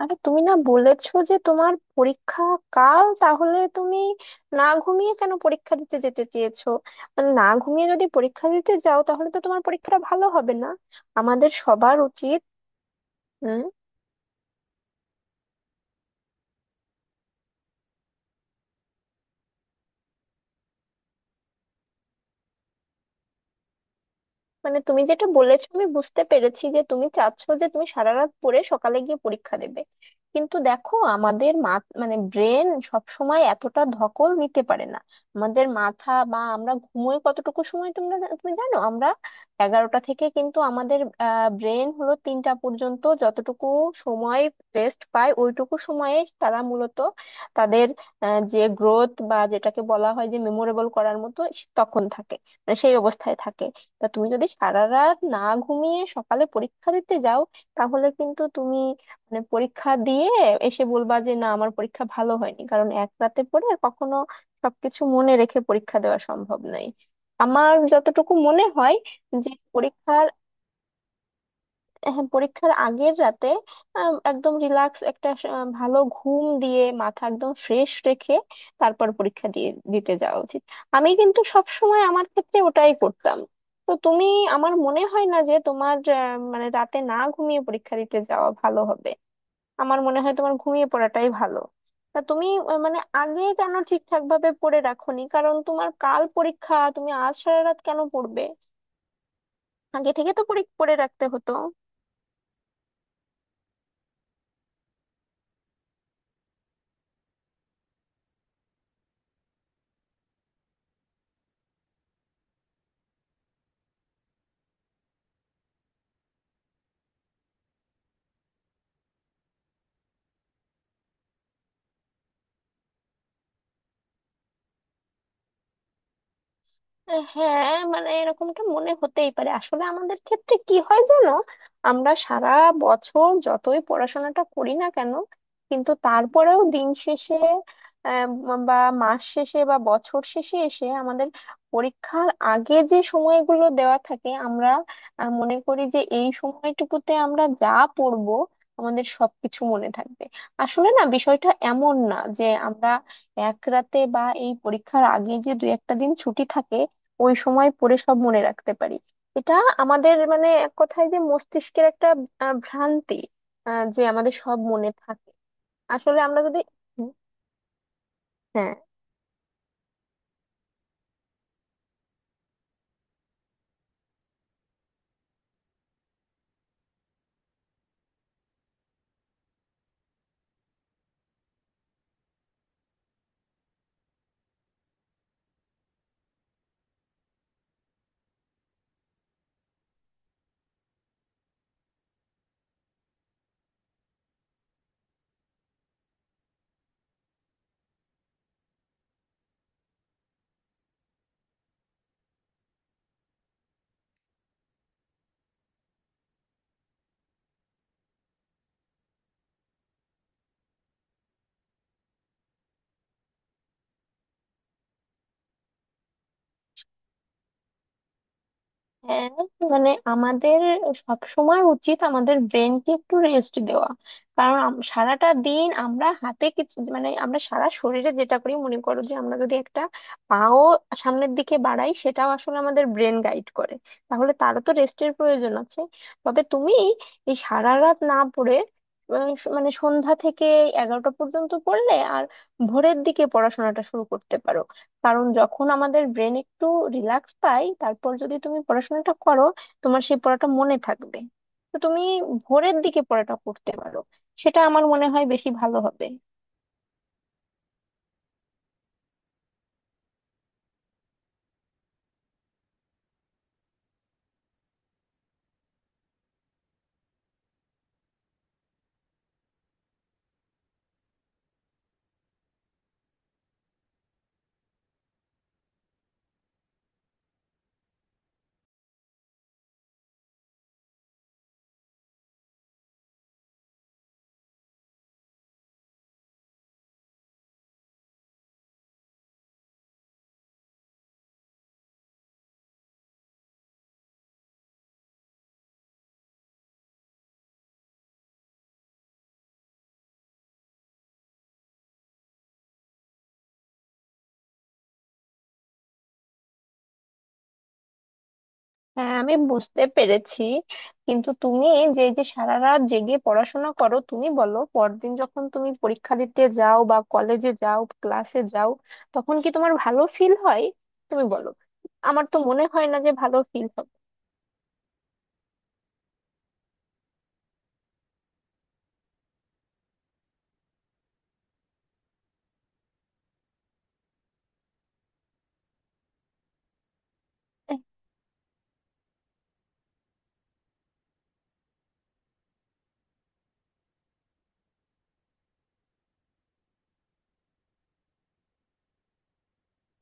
আরে, তুমি না বলেছো যে তোমার পরীক্ষা কাল? তাহলে তুমি না ঘুমিয়ে কেন পরীক্ষা দিতে যেতে চেয়েছো? মানে না ঘুমিয়ে যদি পরীক্ষা দিতে যাও, তাহলে তো তোমার পরীক্ষাটা ভালো হবে না। আমাদের সবার উচিত মানে তুমি যেটা বলেছো আমি বুঝতে পেরেছি, যে তুমি চাচ্ছো যে তুমি সারা রাত পড়ে সকালে গিয়ে পরীক্ষা দেবে। কিন্তু দেখো, আমাদের মানে ব্রেন সব সময় এতটা ধকল নিতে পারে না। আমাদের মাথা বা আমরা ঘুমোই কতটুকু সময়, তোমরা তুমি জানো, আমরা 11টা থেকে কিন্তু আমাদের ব্রেন হলো 3টা পর্যন্ত যতটুকু সময় রেস্ট পায়, ওইটুকু সময়ে তারা মূলত তাদের যে গ্রোথ বা যেটাকে বলা হয় যে মেমোরেবল করার মতো তখন থাকে, মানে সেই অবস্থায় থাকে। তা তুমি যদি সারা রাত না ঘুমিয়ে সকালে পরীক্ষা দিতে যাও, তাহলে কিন্তু তুমি মানে পরীক্ষা দিয়ে এসে বলবা যে না, আমার পরীক্ষা ভালো হয়নি, কারণ এক রাতে পড়ে কখনো সবকিছু মনে রেখে পরীক্ষা দেওয়া সম্ভব নয়, আমার যতটুকু মনে হয়। যে পরীক্ষার হ্যাঁ, পরীক্ষার আগের রাতে একদম রিল্যাক্স একটা ভালো ঘুম দিয়ে মাথা একদম ফ্রেশ রেখে তারপর পরীক্ষা দিয়ে দিতে যাওয়া উচিত। আমি কিন্তু সব সময় আমার ক্ষেত্রে ওটাই করতাম। তো তুমি, আমার মনে হয় না যে তোমার মানে রাতে না ঘুমিয়ে পরীক্ষা দিতে যাওয়া ভালো হবে। আমার মনে হয় তোমার ঘুমিয়ে পড়াটাই ভালো। তা তুমি মানে আগে কেন ঠিকঠাক ভাবে পড়ে রাখোনি? কারণ তোমার কাল পরীক্ষা, তুমি আজ সারা রাত কেন পড়বে? আগে থেকে তো পরীক্ষা পড়ে রাখতে হতো। হ্যাঁ, মানে এরকমটা মনে হতেই পারে, আসলে আমাদের ক্ষেত্রে কি হয় জানো, আমরা সারা বছর যতই পড়াশোনাটা করি না কেন, কিন্তু তারপরেও দিন শেষে বা মাস শেষে বা বছর শেষে এসে আমাদের পরীক্ষার আগে যে সময়গুলো দেওয়া থাকে, আমরা মনে করি যে এই সময়টুকুতে আমরা যা পড়বো আমাদের সবকিছু মনে থাকবে। আসলে না, বিষয়টা এমন না যে আমরা এক রাতে বা এই পরীক্ষার আগে যে দু একটা দিন ছুটি থাকে ওই সময় পড়ে সব মনে রাখতে পারি। এটা আমাদের মানে এক কথায় যে মস্তিষ্কের একটা ভ্রান্তি, যে আমাদের সব মনে থাকে। আসলে আমরা যদি হুম। হ্যাঁ, হ্যাঁ, মানে আমাদের সব সময় উচিত আমাদের ব্রেনকে একটু রেস্ট দেওয়া। কারণ সারাটা দিন আমরা হাতে কিছু মানে আমরা সারা শরীরে যেটা করি, মনে করো যে আমরা যদি একটা পাও সামনের দিকে বাড়াই সেটাও আসলে আমাদের ব্রেন গাইড করে, তাহলে তারও তো রেস্টের প্রয়োজন আছে। তবে তুমি এই সারা রাত না পড়ে মানে সন্ধ্যা থেকে 11টা পর্যন্ত পড়লে আর ভোরের দিকে পড়াশোনাটা শুরু করতে পারো। কারণ যখন আমাদের ব্রেন একটু রিল্যাক্স পায় তারপর যদি তুমি পড়াশোনাটা করো, তোমার সেই পড়াটা মনে থাকবে। তো তুমি ভোরের দিকে পড়াটা করতে পারো, সেটা আমার মনে হয় বেশি ভালো হবে। হ্যাঁ, আমি বুঝতে পেরেছি। কিন্তু তুমি যে যে সারা রাত জেগে পড়াশোনা করো, তুমি বলো, পরদিন যখন তুমি পরীক্ষা দিতে যাও বা কলেজে যাও ক্লাসে যাও, তখন কি তোমার ভালো ফিল হয়? তুমি বলো। আমার তো মনে হয় না যে ভালো ফিল হবে।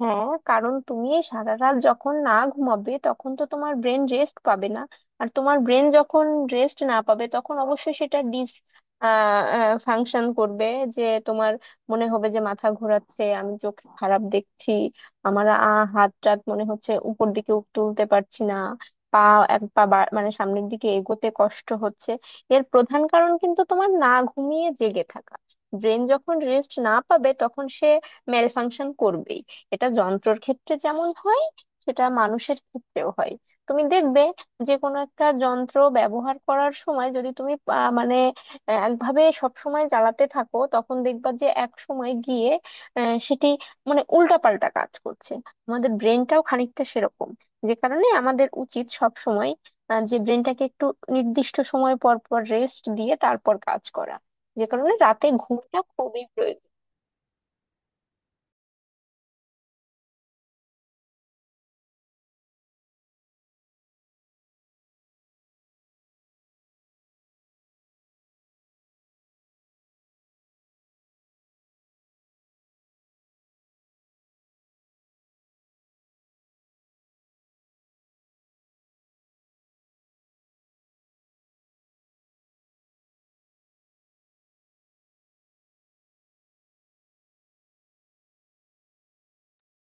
হ্যাঁ, কারণ তুমি এই সারা রাত যখন না ঘুমাবে তখন তো তোমার ব্রেন রেস্ট পাবে না। আর তোমার ব্রেন যখন রেস্ট না পাবে, তখন অবশ্যই সেটা ডিস ফাংশন করবে। যে তোমার মনে হবে যে মাথা ঘোরাচ্ছে, আমি চোখ খারাপ দেখছি, আমার হাত টাত মনে হচ্ছে উপর দিকে তুলতে পারছি না, পা এক পা মানে সামনের দিকে এগোতে কষ্ট হচ্ছে। এর প্রধান কারণ কিন্তু তোমার না ঘুমিয়ে জেগে থাকা। ব্রেন যখন রেস্ট না পাবে তখন সে মেল ফাংশন করবেই। এটা যন্ত্রর ক্ষেত্রে যেমন হয় সেটা মানুষের ক্ষেত্রেও হয়। তুমি দেখবে যে কোনো একটা যন্ত্র ব্যবহার করার সময় যদি তুমি মানে একভাবে সব সময় চালাতে থাকো, তখন দেখবা যে এক সময় গিয়ে সেটি মানে উল্টাপাল্টা কাজ করছে। আমাদের ব্রেনটাও খানিকটা সেরকম। যে কারণে আমাদের উচিত সব সময় যে ব্রেনটাকে একটু নির্দিষ্ট সময় পর পর রেস্ট দিয়ে তারপর কাজ করা। যে কারণে রাতে ঘুমটা খুবই প্রয়োজন।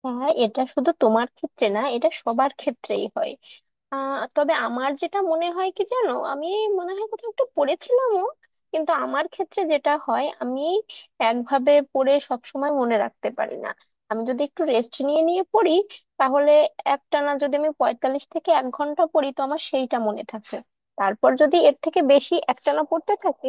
হ্যাঁ, এটা শুধু তোমার ক্ষেত্রে না, এটা সবার ক্ষেত্রেই হয়। তবে আমার যেটা মনে হয় কি জানো, আমি মনে হয় কোথাও একটু পড়েছিলামও। কিন্তু আমার ক্ষেত্রে যেটা হয়, আমি একভাবে পড়ে সবসময় মনে রাখতে পারি না। আমি যদি একটু রেস্ট নিয়ে নিয়ে পড়ি, তাহলে একটানা যদি আমি 45 থেকে এক ঘন্টা পড়ি তো আমার সেইটা মনে থাকে। তারপর যদি এর থেকে বেশি একটানা পড়তে থাকি।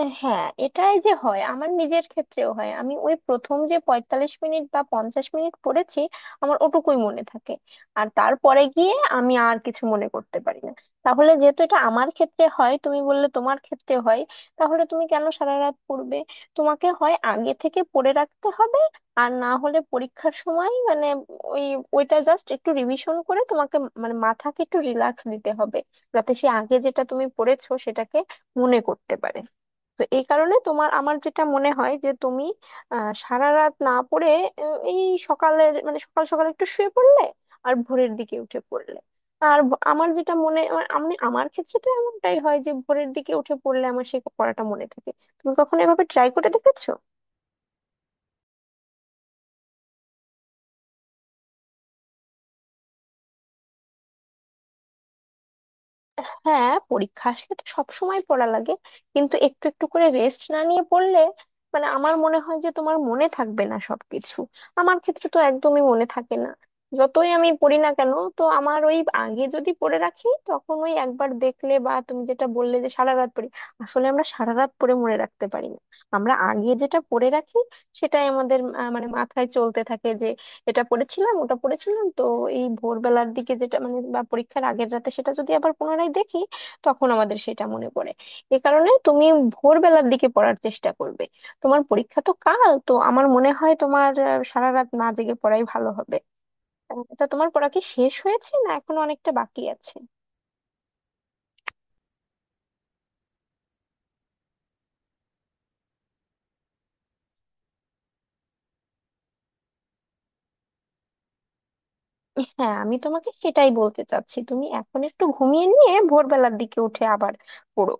হ্যাঁ, এটাই যে হয়, আমার নিজের ক্ষেত্রেও হয়, আমি ওই প্রথম যে 45 মিনিট বা 50 মিনিট পড়েছি আমার ওটুকুই মনে থাকে। আর তারপরে গিয়ে আমি আর কিছু মনে করতে পারি না। তাহলে যেহেতু এটা আমার ক্ষেত্রে হয়, তুমি বললে তোমার ক্ষেত্রে হয়, তাহলে তুমি কেন সারা রাত পড়বে? তোমাকে হয় আগে থেকে পড়ে রাখতে হবে, আর না হলে পরীক্ষার সময় মানে ওই ওইটা জাস্ট একটু রিভিশন করে তোমাকে মানে মাথাকে একটু রিল্যাক্স দিতে হবে, যাতে সে আগে যেটা তুমি পড়েছো সেটাকে মনে করতে পারে। তো এই কারণে তোমার আমার যেটা মনে হয় যে তুমি সারা রাত না পড়ে এই সকালের মানে সকাল সকাল একটু শুয়ে পড়লে আর ভোরের দিকে উঠে পড়লে আর আমার যেটা মনে আমার ক্ষেত্রে তো এমনটাই হয় যে ভোরের দিকে উঠে পড়লে আমার সেই পড়াটা মনে থাকে। তুমি কখনো এভাবে ট্রাই করে দেখেছো? হ্যাঁ, পরীক্ষা আসলে তো সবসময় পড়া লাগে। কিন্তু একটু একটু করে রেস্ট না নিয়ে পড়লে মানে আমার মনে হয় যে তোমার মনে থাকবে না সবকিছু। আমার ক্ষেত্রে তো একদমই মনে থাকে না, যতই আমি পড়ি না কেন। তো আমার ওই আগে যদি পড়ে রাখি তখন ওই একবার দেখলে, বা তুমি যেটা বললে যে সারা রাত পড়ি, আসলে আমরা সারা রাত পড়ে মনে রাখতে পারি না। আমরা আগে যেটা পড়ে রাখি সেটাই আমাদের মানে মাথায় চলতে থাকে যে এটা পড়েছিলাম ওটা পড়েছিলাম, তো এই ভোরবেলার দিকে যেটা মানে বা পরীক্ষার আগের রাতে সেটা যদি আবার পুনরায় দেখি, তখন আমাদের সেটা মনে পড়ে। এ কারণে তুমি ভোরবেলার দিকে পড়ার চেষ্টা করবে। তোমার পরীক্ষা তো কাল, তো আমার মনে হয় তোমার সারা রাত না জেগে পড়াই ভালো হবে। তা তোমার পড়া কি শেষ হয়েছে না এখনো অনেকটা বাকি আছে? হ্যাঁ, আমি তোমাকে সেটাই বলতে চাচ্ছি, তুমি এখন একটু ঘুমিয়ে নিয়ে ভোরবেলার দিকে উঠে আবার পড়ো।